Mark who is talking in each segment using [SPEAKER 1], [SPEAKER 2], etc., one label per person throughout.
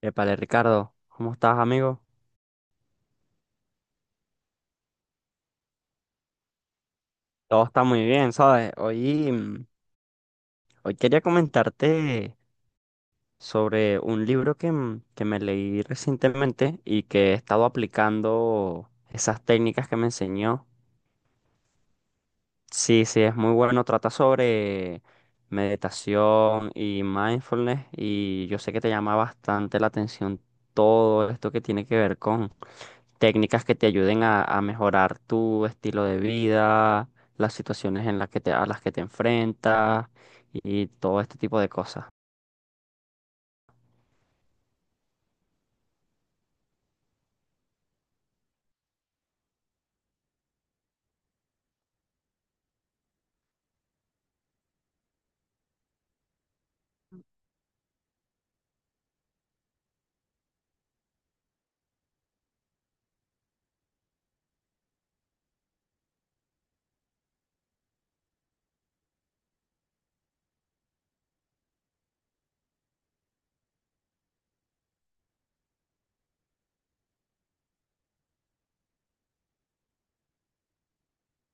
[SPEAKER 1] Épale, Ricardo, ¿cómo estás, amigo? Todo está muy bien, ¿sabes? Hoy quería comentarte sobre un libro que me leí recientemente y que he estado aplicando esas técnicas que me enseñó. Sí, sí, es muy bueno. Trata sobre meditación y mindfulness, y yo sé que te llama bastante la atención todo esto que tiene que ver con técnicas que te ayuden a mejorar tu estilo de vida, las situaciones en las que a las que te enfrentas y todo este tipo de cosas.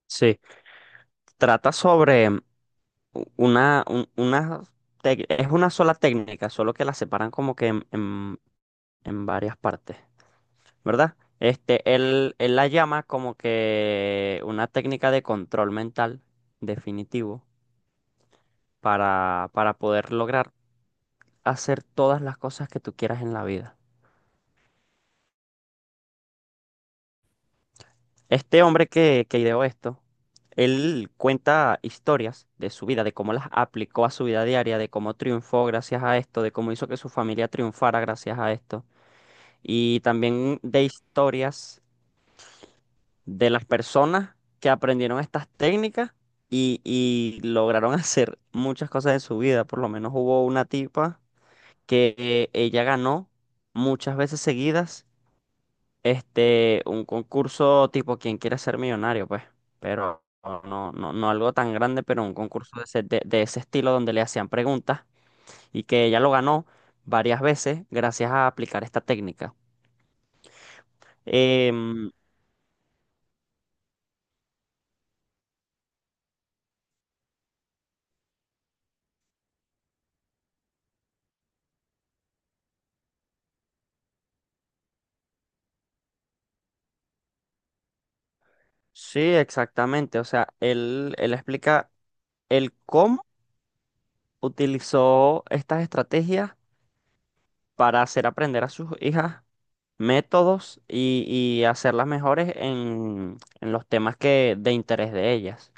[SPEAKER 1] Sí, trata sobre u- una, un- una tec- es una sola técnica, solo que la separan como que en varias partes. ¿Verdad? Este, él la llama como que una técnica de control mental definitivo para poder lograr hacer todas las cosas que tú quieras en la vida. Este hombre que ideó esto, él cuenta historias de su vida, de cómo las aplicó a su vida diaria, de cómo triunfó gracias a esto, de cómo hizo que su familia triunfara gracias a esto, y también de historias de las personas que aprendieron estas técnicas y lograron hacer muchas cosas en su vida. Por lo menos hubo una tipa que ella ganó muchas veces seguidas este, un concurso tipo ¿Quién quiere ser millonario? Pues, pero no, no, no algo tan grande, pero un concurso de ese, de ese estilo donde le hacían preguntas y que ella lo ganó varias veces gracias a aplicar esta técnica. Em, sí, exactamente. O sea, él explica el cómo utilizó estas estrategias para hacer aprender a sus hijas métodos y hacerlas mejores en los temas que, de interés de ellas,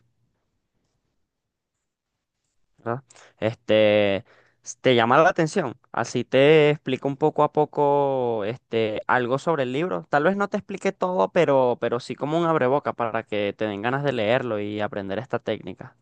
[SPEAKER 1] ¿verdad? Este, te llama la atención, así te explico un poco a poco este, algo sobre el libro. Tal vez no te explique todo, pero sí como un abreboca para que te den ganas de leerlo y aprender esta técnica.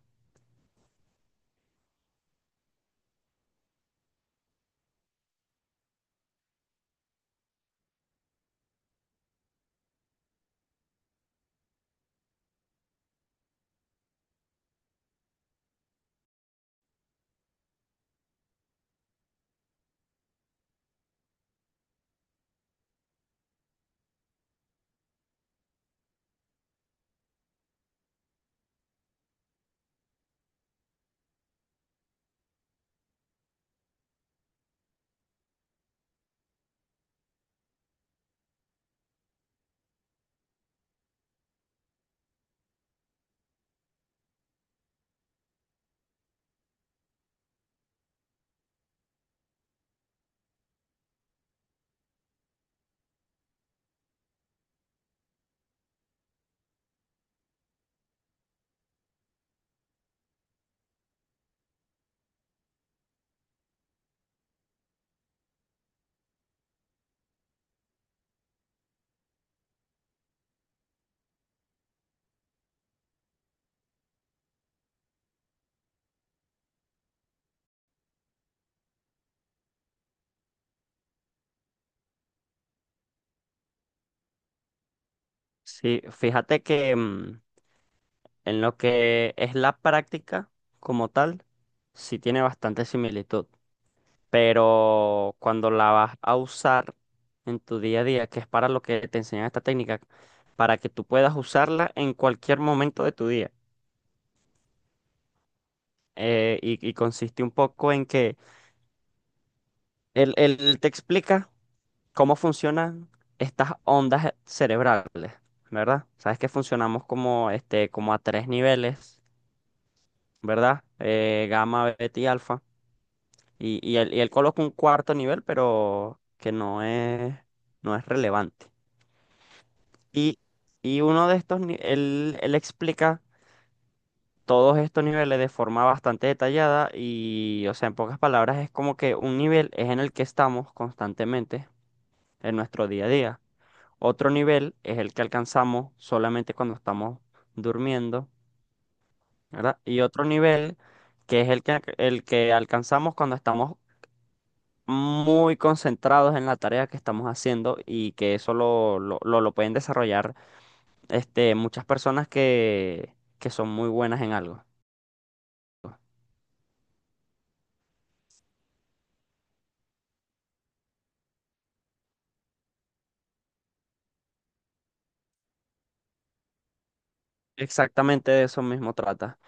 [SPEAKER 1] Sí, fíjate que, en lo que es la práctica como tal, sí tiene bastante similitud, pero cuando la vas a usar en tu día a día, que es para lo que te enseñan esta técnica, para que tú puedas usarla en cualquier momento de tu día. Y, y consiste un poco en que él te explica cómo funcionan estas ondas cerebrales, ¿verdad? Sabes que funcionamos como, este, como a tres niveles, ¿verdad? Gamma, beta y alfa. Y él coloca un cuarto nivel, pero que no es, no es relevante. Y, y uno de estos, él, él explica todos estos niveles de forma bastante detallada y, o sea, en pocas palabras, es como que un nivel es en el que estamos constantemente en nuestro día a día. Otro nivel es el que alcanzamos solamente cuando estamos durmiendo, ¿verdad? Y otro nivel que es el que alcanzamos cuando estamos muy concentrados en la tarea que estamos haciendo y que eso lo pueden desarrollar este, muchas personas que son muy buenas en algo. Exactamente de eso mismo trata.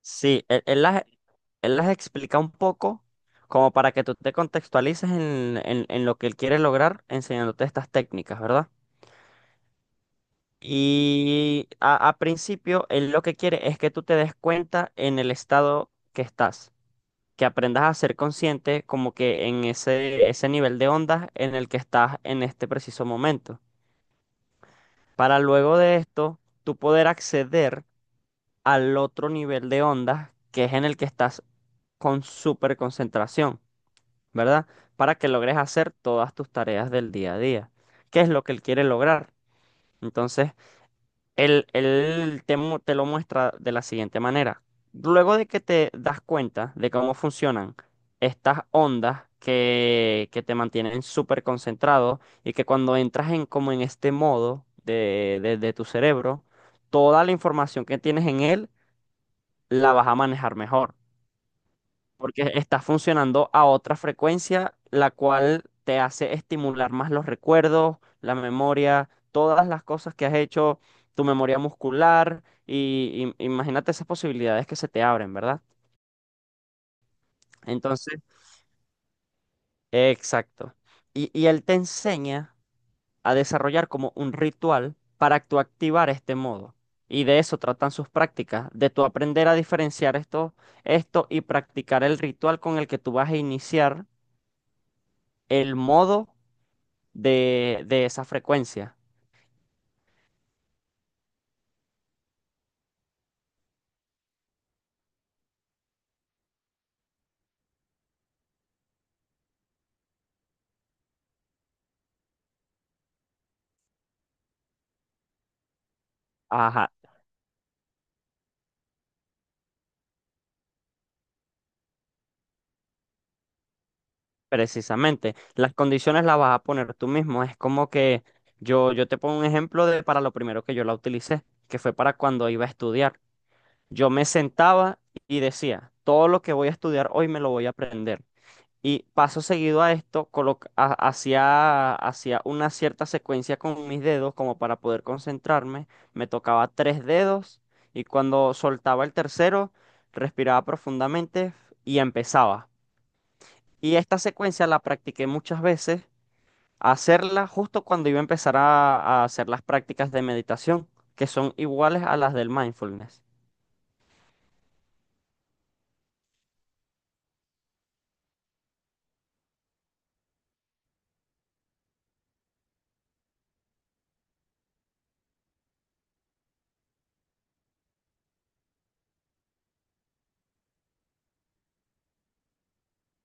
[SPEAKER 1] Sí, él las explica un poco como para que tú te contextualices en lo que él quiere lograr enseñándote estas técnicas, ¿verdad? Y a principio, él lo que quiere es que tú te des cuenta en el estado que estás, que aprendas a ser consciente como que en ese, ese nivel de ondas en el que estás en este preciso momento. Para luego de esto, tú poder acceder al otro nivel de ondas que es en el que estás con súper concentración, ¿verdad? Para que logres hacer todas tus tareas del día a día. ¿Qué es lo que él quiere lograr? Entonces, él, él te lo muestra de la siguiente manera. Luego de que te das cuenta de cómo funcionan estas ondas que te mantienen súper concentrado y que cuando entras en como en este modo de, de tu cerebro, toda la información que tienes en él la vas a manejar mejor porque está funcionando a otra frecuencia, la cual te hace estimular más los recuerdos, la memoria, todas las cosas que has hecho, tu memoria muscular, y imagínate esas posibilidades que se te abren, ¿verdad? Entonces, exacto. Y él te enseña a desarrollar como un ritual para tú activar este modo. Y de eso tratan sus prácticas, de tú aprender a diferenciar esto, esto y practicar el ritual con el que tú vas a iniciar el modo de esa frecuencia. Ajá, precisamente. Las condiciones las vas a poner tú mismo. Es como que yo te pongo un ejemplo de para lo primero que yo la utilicé, que fue para cuando iba a estudiar. Yo me sentaba y decía, todo lo que voy a estudiar hoy me lo voy a aprender. Y paso seguido a esto, hacía, hacía una cierta secuencia con mis dedos como para poder concentrarme. Me tocaba 3 dedos y cuando soltaba el tercero, respiraba profundamente y empezaba. Y esta secuencia la practiqué muchas veces, hacerla justo cuando iba a empezar a hacer las prácticas de meditación, que son iguales a las del mindfulness.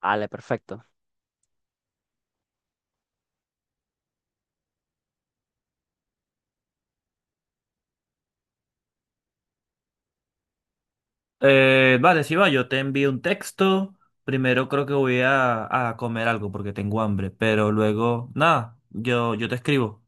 [SPEAKER 1] Vale, perfecto. Vale, si va, yo te envío un texto. Primero creo que voy a comer algo porque tengo hambre, pero luego, nada, yo te escribo.